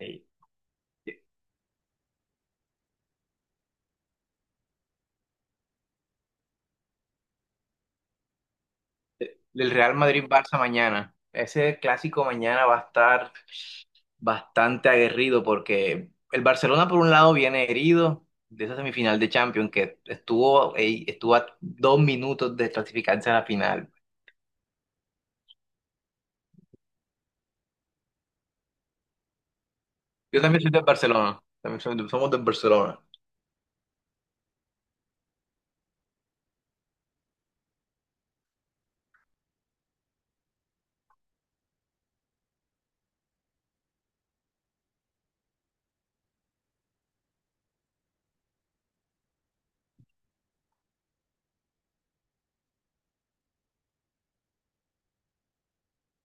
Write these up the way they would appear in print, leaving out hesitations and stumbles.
Ey, el Real Madrid-Barça mañana. Ese clásico mañana va a estar bastante aguerrido porque el Barcelona por un lado viene herido de esa semifinal de Champions que estuvo a 2 minutos de clasificarse a la final. Yo también soy del Barcelona, también somos del Barcelona.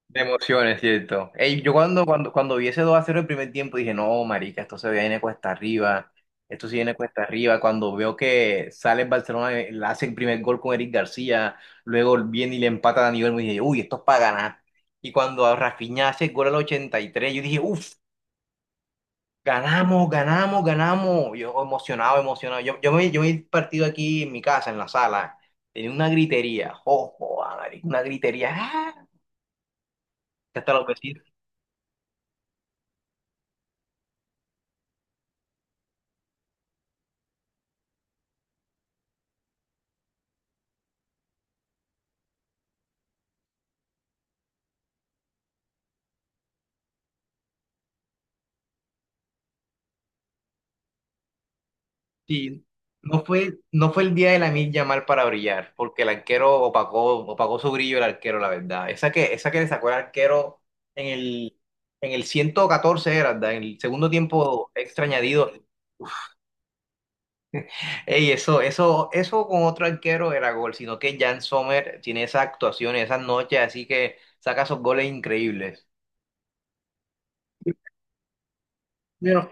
De emociones, cierto. Ey, yo cuando vi ese 2-0 el primer tiempo dije, no, marica, esto se viene cuesta arriba, esto se viene cuesta arriba. Cuando veo que sale el Barcelona, le hace el primer gol con Eric García, luego viene y le empata a Dani Olmo, y dije, uy, esto es para ganar. Y cuando a Rafinha hace el gol al 83 yo dije, uff, ganamos, ganamos, ganamos. Yo emocionado, emocionado. Yo me he partido aquí en mi casa, en la sala, tenía una gritería, ojo, marica, una gritería, ¡ah! Hasta los vecinos. Sí, no fue el día de la milla mal para brillar, porque el arquero opacó su brillo el arquero, la verdad. Esa que le sacó el arquero en el, en el 114 era, ¿verdad? En el segundo tiempo extra añadido. Ey, eso con otro arquero era gol, sino que Jan Sommer tiene esas actuaciones, esas noches, así que saca esos goles increíbles. Bueno,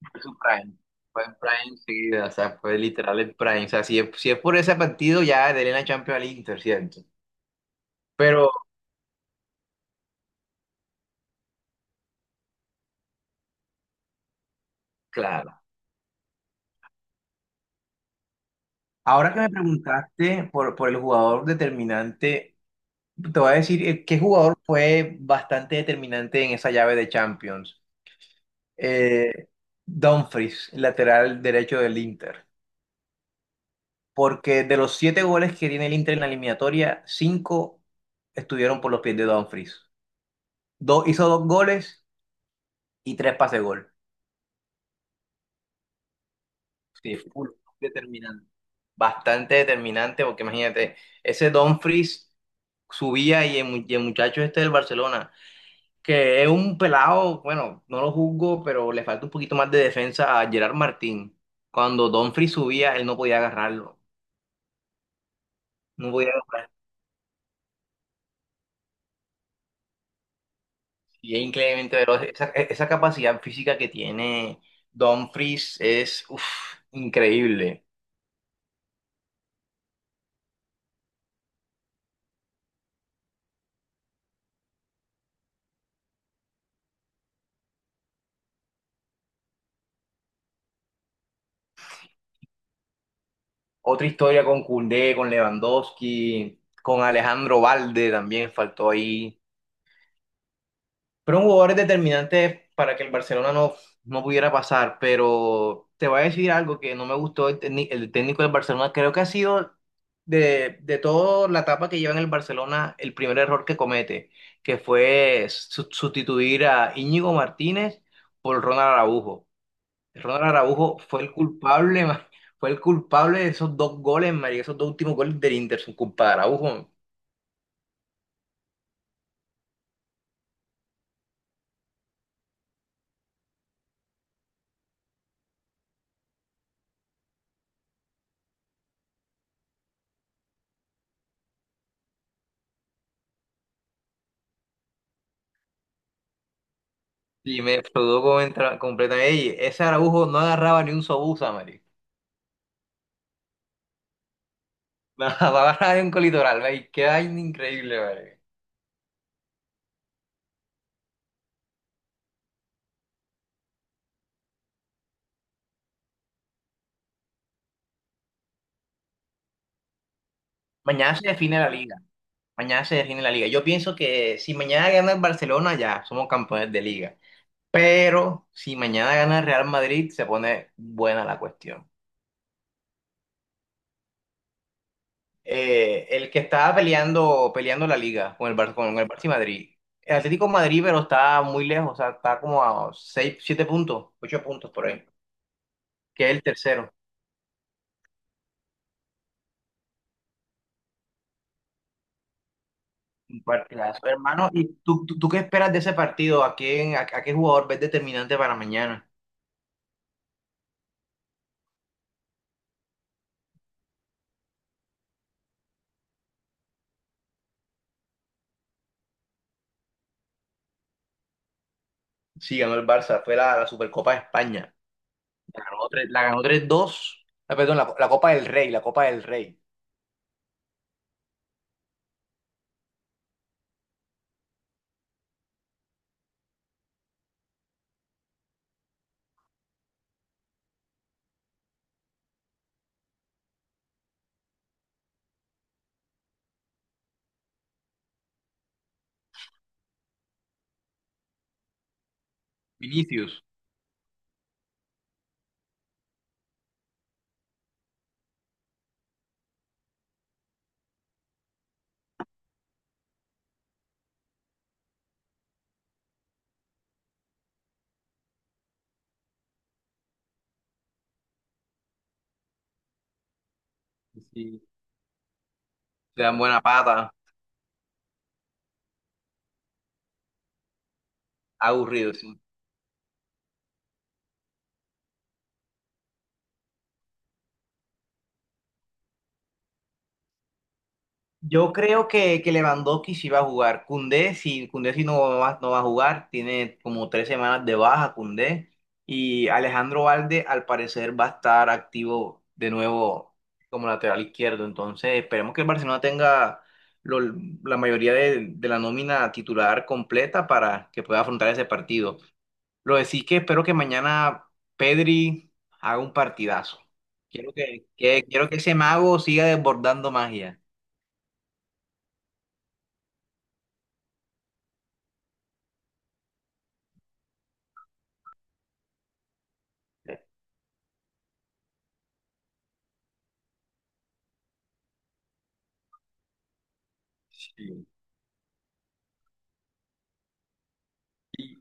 fue su prime. Fue en prime enseguida, o sea, fue literal el prime. O sea, si es por ese partido, ya de la Champions al Inter, ¿cierto? Pero claro. Ahora que me preguntaste por el jugador determinante, te voy a decir qué jugador fue bastante determinante en esa llave de Champions. Eh, Dumfries, lateral derecho del Inter. Porque de los 7 goles que tiene el Inter en la eliminatoria, 5 estuvieron por los pies de Dumfries. Hizo 2 goles y 3 pases gol. Sí, full, determinante. Bastante determinante, porque imagínate, ese Dumfries subía y el muchacho este del Barcelona, que es un pelado, bueno, no lo juzgo, pero le falta un poquito más de defensa a Gerard Martín. Cuando Dumfries subía, él no podía agarrarlo. No podía agarrarlo. Y es increíblemente veloz. Esa capacidad física que tiene Dumfries es uf, increíble. Otra historia con Koundé, con Lewandowski, con Alejandro Valde también faltó ahí. Fueron jugadores determinantes para que el Barcelona no, no pudiera pasar, pero te voy a decir algo que no me gustó el técnico del Barcelona. Creo que ha sido de toda la etapa que lleva en el Barcelona el primer error que comete, que fue sustituir a Íñigo Martínez por Ronald Araujo. Ronald Araujo fue el culpable, fue el culpable de esos dos goles, marica, esos dos últimos goles del Inter, son culpa de Araujo. Y me explotó completamente. Ey, ese Araujo no agarraba ni un sobusa, marica. No agarraba ni un colitoral, marica. Qué vaina increíble, marica. Mañana se define la liga. Mañana se define la liga. Yo pienso que si mañana gana el Barcelona, ya somos campeones de liga. Pero si mañana gana el Real Madrid, se pone buena la cuestión. Eh, el que estaba peleando, peleando la liga con el Barça y Madrid. El Atlético de Madrid, pero está muy lejos, o sea, está como a 6 7 puntos, 8 puntos por ahí, que es el tercero. Un partidazo, hermano. ¿Y tú qué esperas de ese partido? ¿A quién, a qué jugador ves determinante para mañana? Sí, ganó el Barça, fue la Supercopa de España. La ganó 3-2. Ah, perdón, la Copa del Rey, la Copa del Rey. Vinicius. Sí. Le dan buena pata, aburrido, sí. Yo creo que Lewandowski sí va a jugar. Koundé sí no va, a jugar. Tiene como 3 semanas de baja Koundé. Y Alejandro Valde al parecer va a estar activo de nuevo como lateral izquierdo. Entonces esperemos que el Barcelona tenga lo- la mayoría de la nómina titular completa para que pueda afrontar ese partido. Lo de sí que espero que mañana Pedri haga un partidazo. Quiero que ese mago siga desbordando magia. Sí, y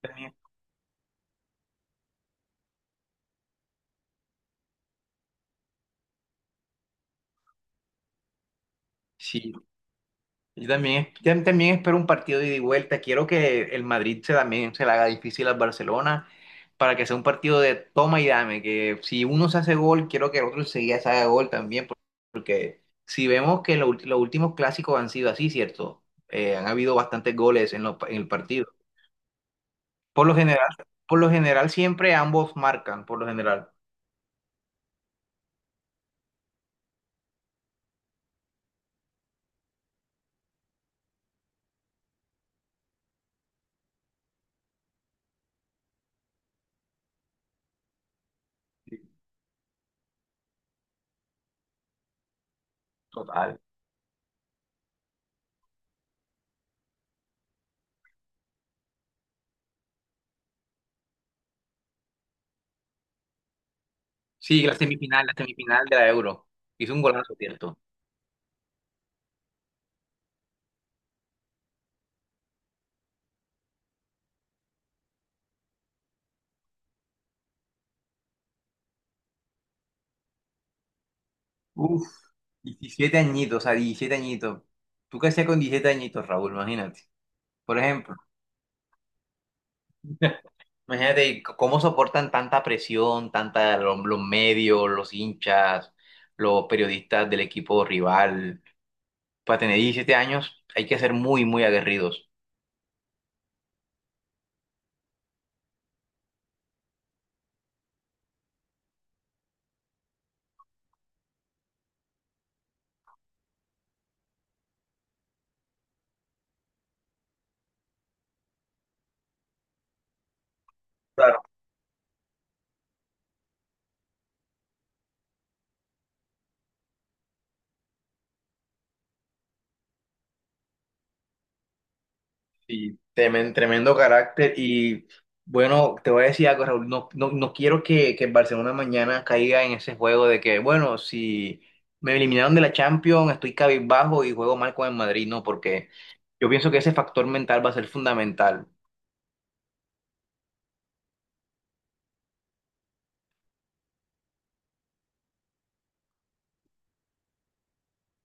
también, sí, y también espero un partido de ida y vuelta. Quiero que el Madrid también se le haga difícil al Barcelona para que sea un partido de toma y dame. Que si uno se hace gol, quiero que el otro enseguida se haga gol también. Porque si vemos que los últimos clásicos han sido así, ¿cierto? Han habido bastantes goles en el partido. Por lo general, por lo general siempre ambos marcan, por lo general. Sí, total. Sí, la semifinal de la Euro. Hizo un golazo, ¿cierto? Uf. 17 añitos, o sea, 17 añitos. ¿Tú qué hacías con 17 añitos, Raúl? Imagínate. Por ejemplo, imagínate cómo soportan tanta presión, tanta, los, medios, los hinchas, los periodistas del equipo rival. Para tener 17 años hay que ser muy, muy aguerridos. Sí, tremendo carácter y bueno, te voy a decir algo, Raúl, no, no, no quiero que el Barcelona mañana caiga en ese juego de que, bueno, si me eliminaron de la Champions, estoy cabizbajo y juego mal con el Madrid, no, porque yo pienso que ese factor mental va a ser fundamental,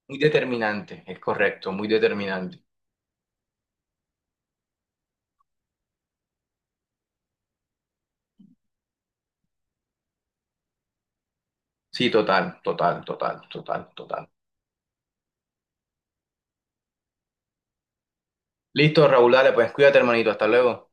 muy determinante, es correcto, muy determinante. Sí, total, total, total, total, total. Listo, Raúl, dale, pues cuídate, hermanito, hasta luego.